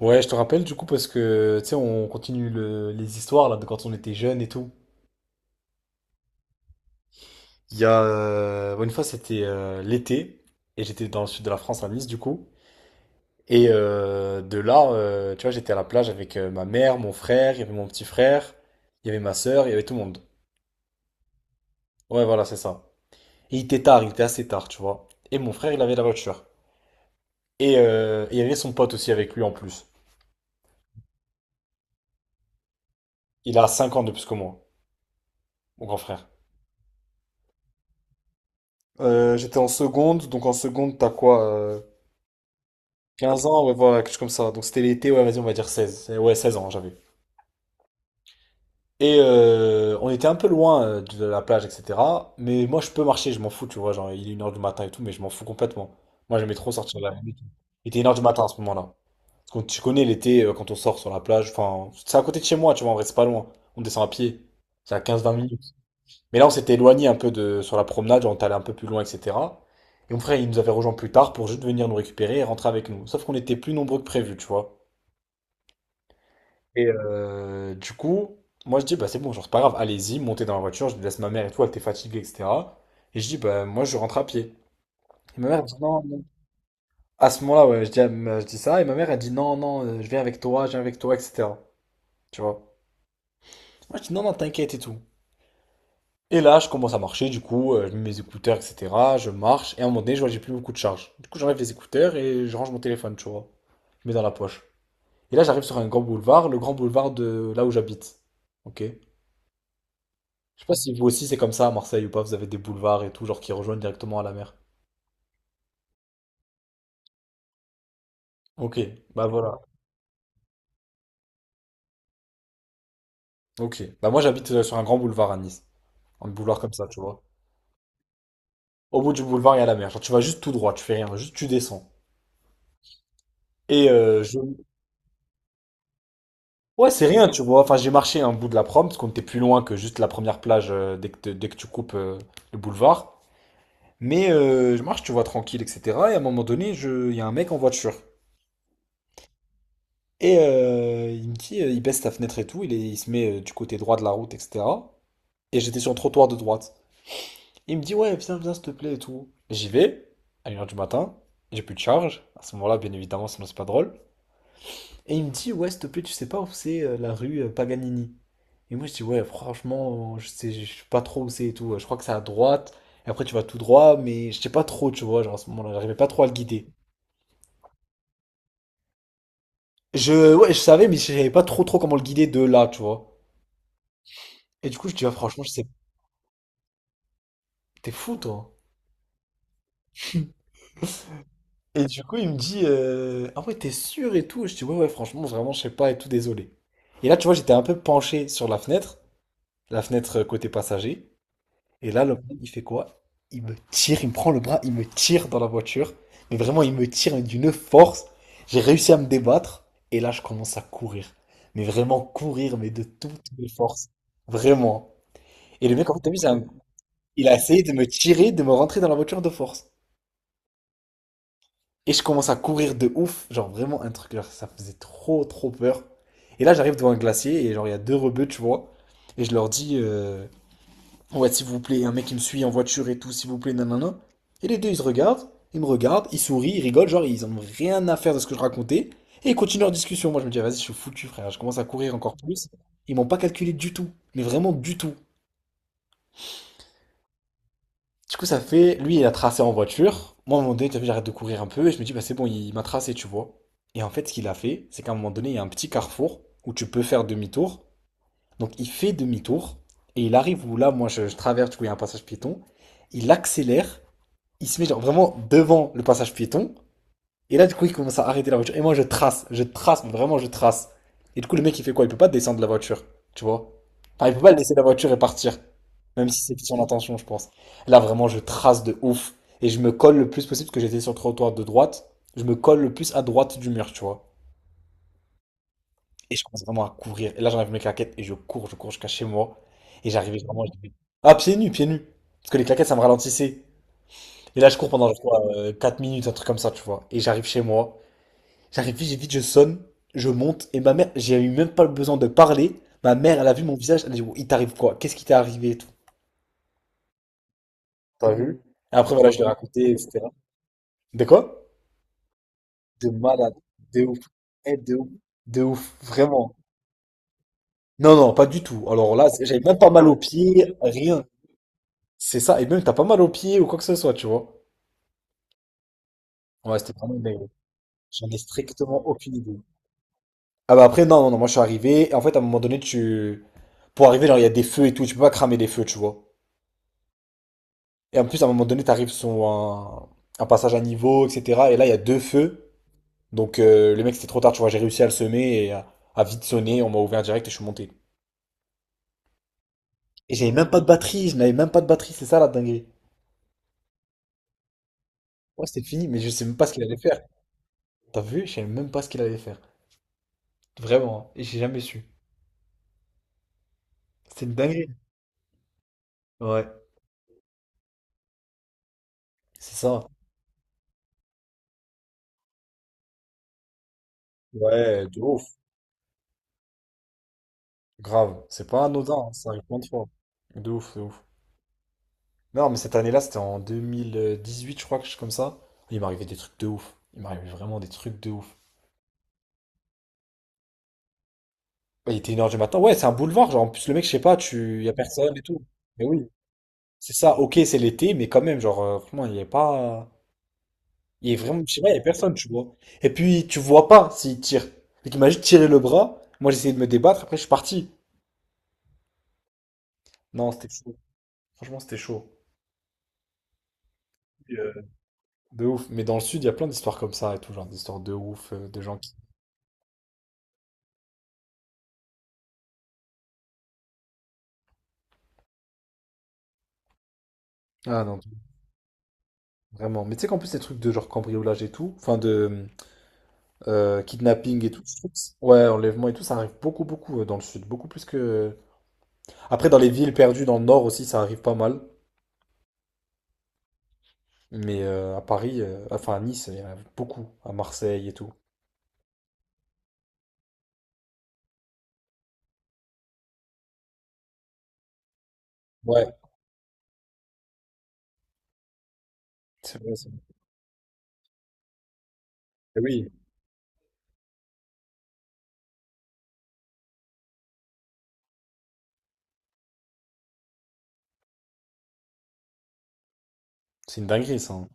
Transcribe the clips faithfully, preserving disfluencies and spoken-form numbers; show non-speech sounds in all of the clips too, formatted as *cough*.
Ouais, je te rappelle du coup parce que tu sais, on continue le- les histoires là de quand on était jeune et tout. Il y a euh, ouais, une fois c'était euh, l'été et j'étais dans le sud de la France à Nice du coup. Et euh, de là, euh, tu vois, j'étais à la plage avec euh, ma mère, mon frère, il y avait mon petit frère, il y avait ma sœur, il y avait tout le monde. Ouais, voilà, c'est ça. Et il était tard, il était assez tard, tu vois. Et mon frère, il avait la voiture. Et euh, il y avait son pote aussi avec lui en plus. Il a cinq ans de plus que moi, mon grand frère. Euh, j'étais en seconde, donc en seconde, t'as quoi? Quinze ans, ouais, voilà, quelque chose comme ça. Donc c'était l'été, ouais, vas-y, on va dire seize. Eh ouais, seize ans, j'avais. Et euh, on était un peu loin euh, de la plage, et cetera. Mais moi, je peux marcher, je m'en fous, tu vois. Genre, il est une heure du matin et tout, mais je m'en fous complètement. Moi, j'aimais trop sortir la nuit. Il était une heure du matin à ce moment-là. Parce que tu connais l'été, euh, quand on sort sur la plage, enfin, c'est à côté de chez moi, tu vois, on reste pas loin. On descend à pied. C'est à quinze vingt minutes. Mais là, on s'était éloigné un peu de, sur la promenade, genre, on est allé un peu plus loin, et cetera. Et mon frère, il nous avait rejoint plus tard pour juste venir nous récupérer et rentrer avec nous. Sauf qu'on était plus nombreux que prévu, tu vois. Et euh, du coup, moi je dis, bah c'est bon, genre c'est pas grave, allez-y, montez dans la voiture, je laisse ma mère et tout, elle était fatiguée, et cetera. Et je dis, bah moi je rentre à pied. Et ma mère elle dit, non, non. À ce moment-là, ouais, je dis, à je dis ça, et ma mère elle dit, non, non, euh, je viens avec toi, je viens avec toi, et cetera. Tu vois. Moi je dis, non, non, t'inquiète et tout. Et là, je commence à marcher, du coup, euh, je mets mes écouteurs, et cetera. Je marche, et à un moment donné, je vois que j'ai plus beaucoup de charge. Du coup, j'enlève les écouteurs et je range mon téléphone, tu vois. Je mets dans la poche. Et là, j'arrive sur un grand boulevard, le grand boulevard de là où j'habite. Ok. Je sais pas si vous aussi c'est comme ça à Marseille ou pas, vous avez des boulevards et tout, genre qui rejoignent directement à la mer. Ok, bah voilà. Ok. Bah moi j'habite euh, sur un grand boulevard à Nice. Un boulevard comme ça, tu vois. Au bout du boulevard, il y a la mer. Genre tu vas juste tout droit, tu fais rien, juste tu descends. Et euh, je… Ouais, c'est rien, tu vois. Enfin, j'ai marché un bout de la prom, parce qu'on était plus loin que juste la première plage euh, dès que, te- dès que tu coupes euh, le boulevard. Mais euh, je marche, tu vois, tranquille, et cetera. Et à un moment donné, je… il y a un mec en voiture. Et euh, il me dit, euh, il baisse sa fenêtre et tout, il, est- il se met euh, du côté droit de la route, et cetera. Et j'étais sur le trottoir de droite. Il me dit, ouais, viens, viens, s'il te plaît et tout. J'y vais, à une heure du matin. J'ai plus de charge. À ce moment-là, bien évidemment, sinon c'est pas drôle. Et il me dit, ouais, s'il te plaît, tu sais pas où c'est euh, la rue euh, Paganini. Et moi, je dis, ouais, franchement, je sais, je sais pas trop où c'est et tout. Je crois que c'est à droite. Et après, tu vas tout droit, mais je sais pas trop, tu vois. Genre, à ce moment-là, j'arrivais pas trop à le guider. Je, ouais, je savais, mais je savais pas trop, trop comment le guider de là, tu vois. Et du coup, je dis, ah, franchement, je sais, t'es fou, toi. Et du coup, il me dit, euh, ah ouais, t'es sûr et tout? Je dis, ouais, ouais, franchement, vraiment, je sais pas et tout, désolé. Et là, tu vois, j'étais un peu penché sur la fenêtre, la fenêtre euh, côté passager. Et là, le mec, il fait quoi? Il me tire, il me prend le bras, il me tire dans la voiture. Mais vraiment, il me tire mais d'une force. J'ai réussi à me débattre. Et là, je commence à courir. Mais vraiment courir, mais de toutes mes forces. Vraiment. Et le mec, en fait, t'as vu, c'est un- il a essayé de me tirer, de me rentrer dans la voiture de force. Et je commence à courir de ouf, genre vraiment un truc, genre, ça faisait trop trop peur. Et là j'arrive devant un glacier et genre il y a deux rebeux, tu vois. Et je leur dis, euh, ouais s'il vous plaît, un mec qui me suit en voiture et tout, s'il vous plaît, nanana. Et les deux ils se regardent, ils me regardent, ils sourient, ils rigolent, genre ils ont rien à faire de ce que je racontais. Et ils continuent leur discussion. Moi je me dis, vas-y, je suis foutu frère, je commence à courir encore plus. Ils m'ont pas calculé du tout, mais vraiment du tout. Du coup, ça fait, lui, il a tracé en voiture. Moi, à un moment donné, t'as vu, j'arrête de courir un peu et je me dis, bah, c'est bon, il m'a tracé, tu vois. Et en fait, ce qu'il a fait, c'est qu'à un moment donné, il y a un petit carrefour où tu peux faire demi-tour. Donc, il fait demi-tour et il arrive où là, moi, je, je traverse, du coup, il y a un passage piéton. Il accélère, il se met genre vraiment devant le passage piéton et là, du coup, il commence à arrêter la voiture. Et moi, je trace, je trace, mais vraiment, je trace. Et du coup, le mec, il fait quoi? Il peut pas descendre de la voiture, tu vois? Enfin, il peut pas laisser la voiture et partir. Même si c'était son intention, je pense. Là, vraiment, je trace de ouf. Et je me colle le plus possible, parce que j'étais sur le trottoir de droite. Je me colle le plus à droite du mur, tu vois. Et je commence vraiment à courir. Et là, j'enlève mes claquettes et je cours, je cours jusqu'à chez moi. Et j'arrivais vraiment. j'étais- Ah, pieds nus, pieds nus. Parce que les claquettes, ça me ralentissait. Et là, je cours pendant, je crois, 4 minutes, un truc comme ça, tu vois. Et j'arrive chez moi. J'arrive vite, vite, je sonne, je monte, et ma mère, j'ai eu même pas besoin de parler. Ma mère, elle a vu mon visage, elle a dit, wow, il t'arrive quoi? Qu'est-ce qui t'est arrivé et tout? T'as vu? Et après, voilà, je l'ai raconté, et cetera. De quoi? De malade, de ouf, eh, de ouf, de ouf, vraiment. Non, non, pas du tout. Alors là, c'est- j'avais même pas mal aux pieds, rien. C'est ça, et même t'as pas mal aux pieds ou quoi que ce soit, tu vois. Ouais, c'était vraiment une dinguerie. J'en ai strictement aucune idée. Ah bah après, non, non, non, moi je suis arrivé, et en fait, à un moment donné, tu. Pour arriver, genre, il y a des feux et tout, tu peux pas cramer les feux, tu vois. Et en plus, à un moment donné, t'arrives sur un, un passage à niveau, et cetera. Et là, il y a deux feux. Donc, euh, le mec, c'était trop tard, tu vois. J'ai réussi à le semer et à, à vite sonner. On m'a ouvert direct et je suis monté. Et j'avais même pas de batterie. Je n'avais même pas de batterie. C'est ça, la dinguerie. Ouais, c'était fini, mais je sais même pas ce qu'il allait faire. T'as vu? Je savais même pas ce qu'il allait faire. Vraiment, hein. Et j'ai jamais su. C'était une dinguerie. Ouais, c'est ça. Ouais, de ouf. Grave. C'est pas anodin, hein, ça arrive plein de fois. De ouf, de ouf. Non, mais cette année-là, c'était en deux mille dix-huit, je crois, quelque chose comme ça. Il m'arrivait des trucs de ouf. Il m'arrivait vraiment des trucs de ouf. Ouais, il était une heure du matin. Ouais, c'est un boulevard. Genre, en plus, le mec, je sais pas, tu… y a personne et tout. Mais oui, c'est ça. Ok, c'est l'été, mais quand même, genre, euh, vraiment, il n'y a pas. Il y a vraiment, je sais pas, il n'y a personne, tu vois. Et puis, tu vois pas s'il tire. Donc, il m'a juste tiré le bras. Moi, j'essayais de me débattre. Après, je suis parti. Non, c'était chaud. Franchement, c'était chaud. De ouf. Mais dans le sud, il y a plein d'histoires comme ça et tout. Genre, des histoires de ouf, euh, de gens qui. Ah non. Vraiment. Mais tu sais qu'en plus, ces trucs de genre cambriolage et tout, enfin de euh, kidnapping et tout, je trouve que c'est- ouais, enlèvement et tout, ça arrive beaucoup, beaucoup euh, dans le sud. Beaucoup plus que. Après, dans les villes perdues dans le nord aussi, ça arrive pas mal. Mais euh, à Paris, euh, enfin à Nice, il y en a beaucoup. À Marseille et tout. Ouais, c'est vrai, c'est vrai. Eh oui, c'est une dinguerie ça, hein.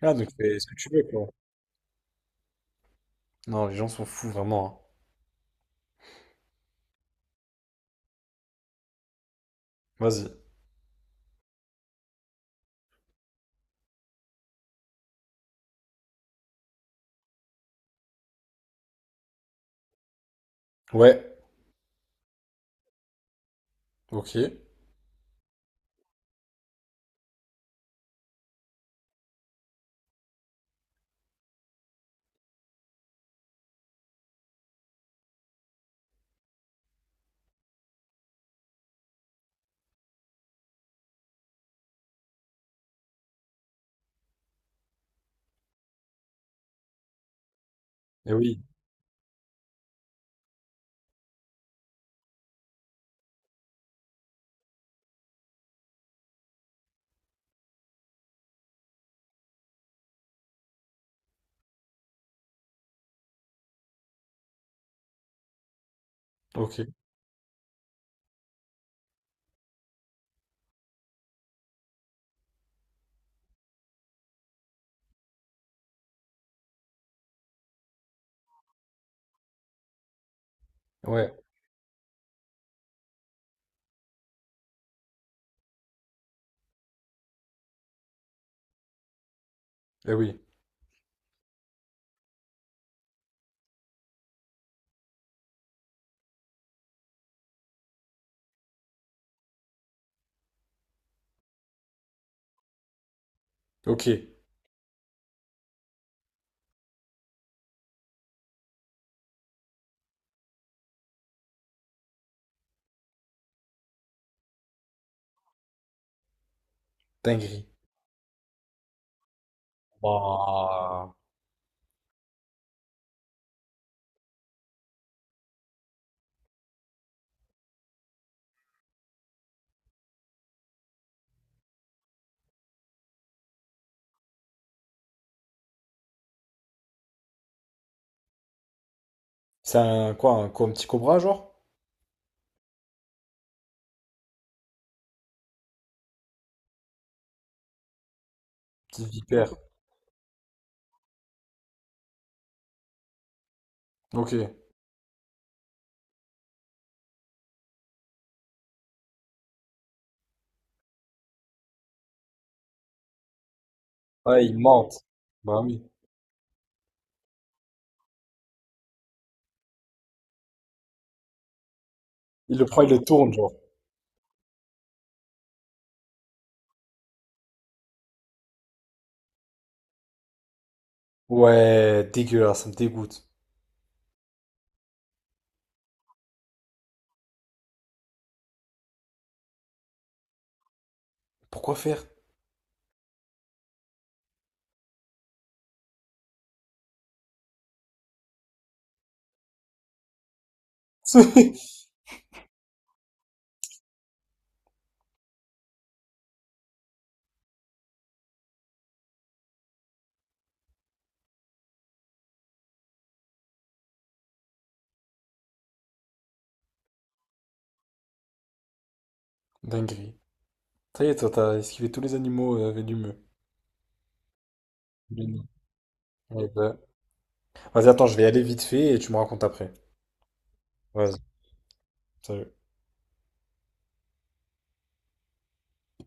Ah, donc fais ce que tu veux, quoi. Non, les gens sont fous, vraiment, hein. Vas-y. Ouais, ok. Eh oui, ok. Ouais, eh oui, ok. Dinguerie. Waouh. C'est un quoi, un, co- un petit cobra, genre? Petite vipère. Ok. Ouais, il mente. Bah oui. Il le prend, il le tourne, genre. Ouais, dégueulasse, ça me dégoûte. Pourquoi faire? *laughs* Dinguerie. Ça y est, toi, t'as esquivé tous les animaux euh, venimeux. Mais ouais, bah. Vas-y, attends, je vais y aller vite fait et tu me racontes après. Vas-y, salut.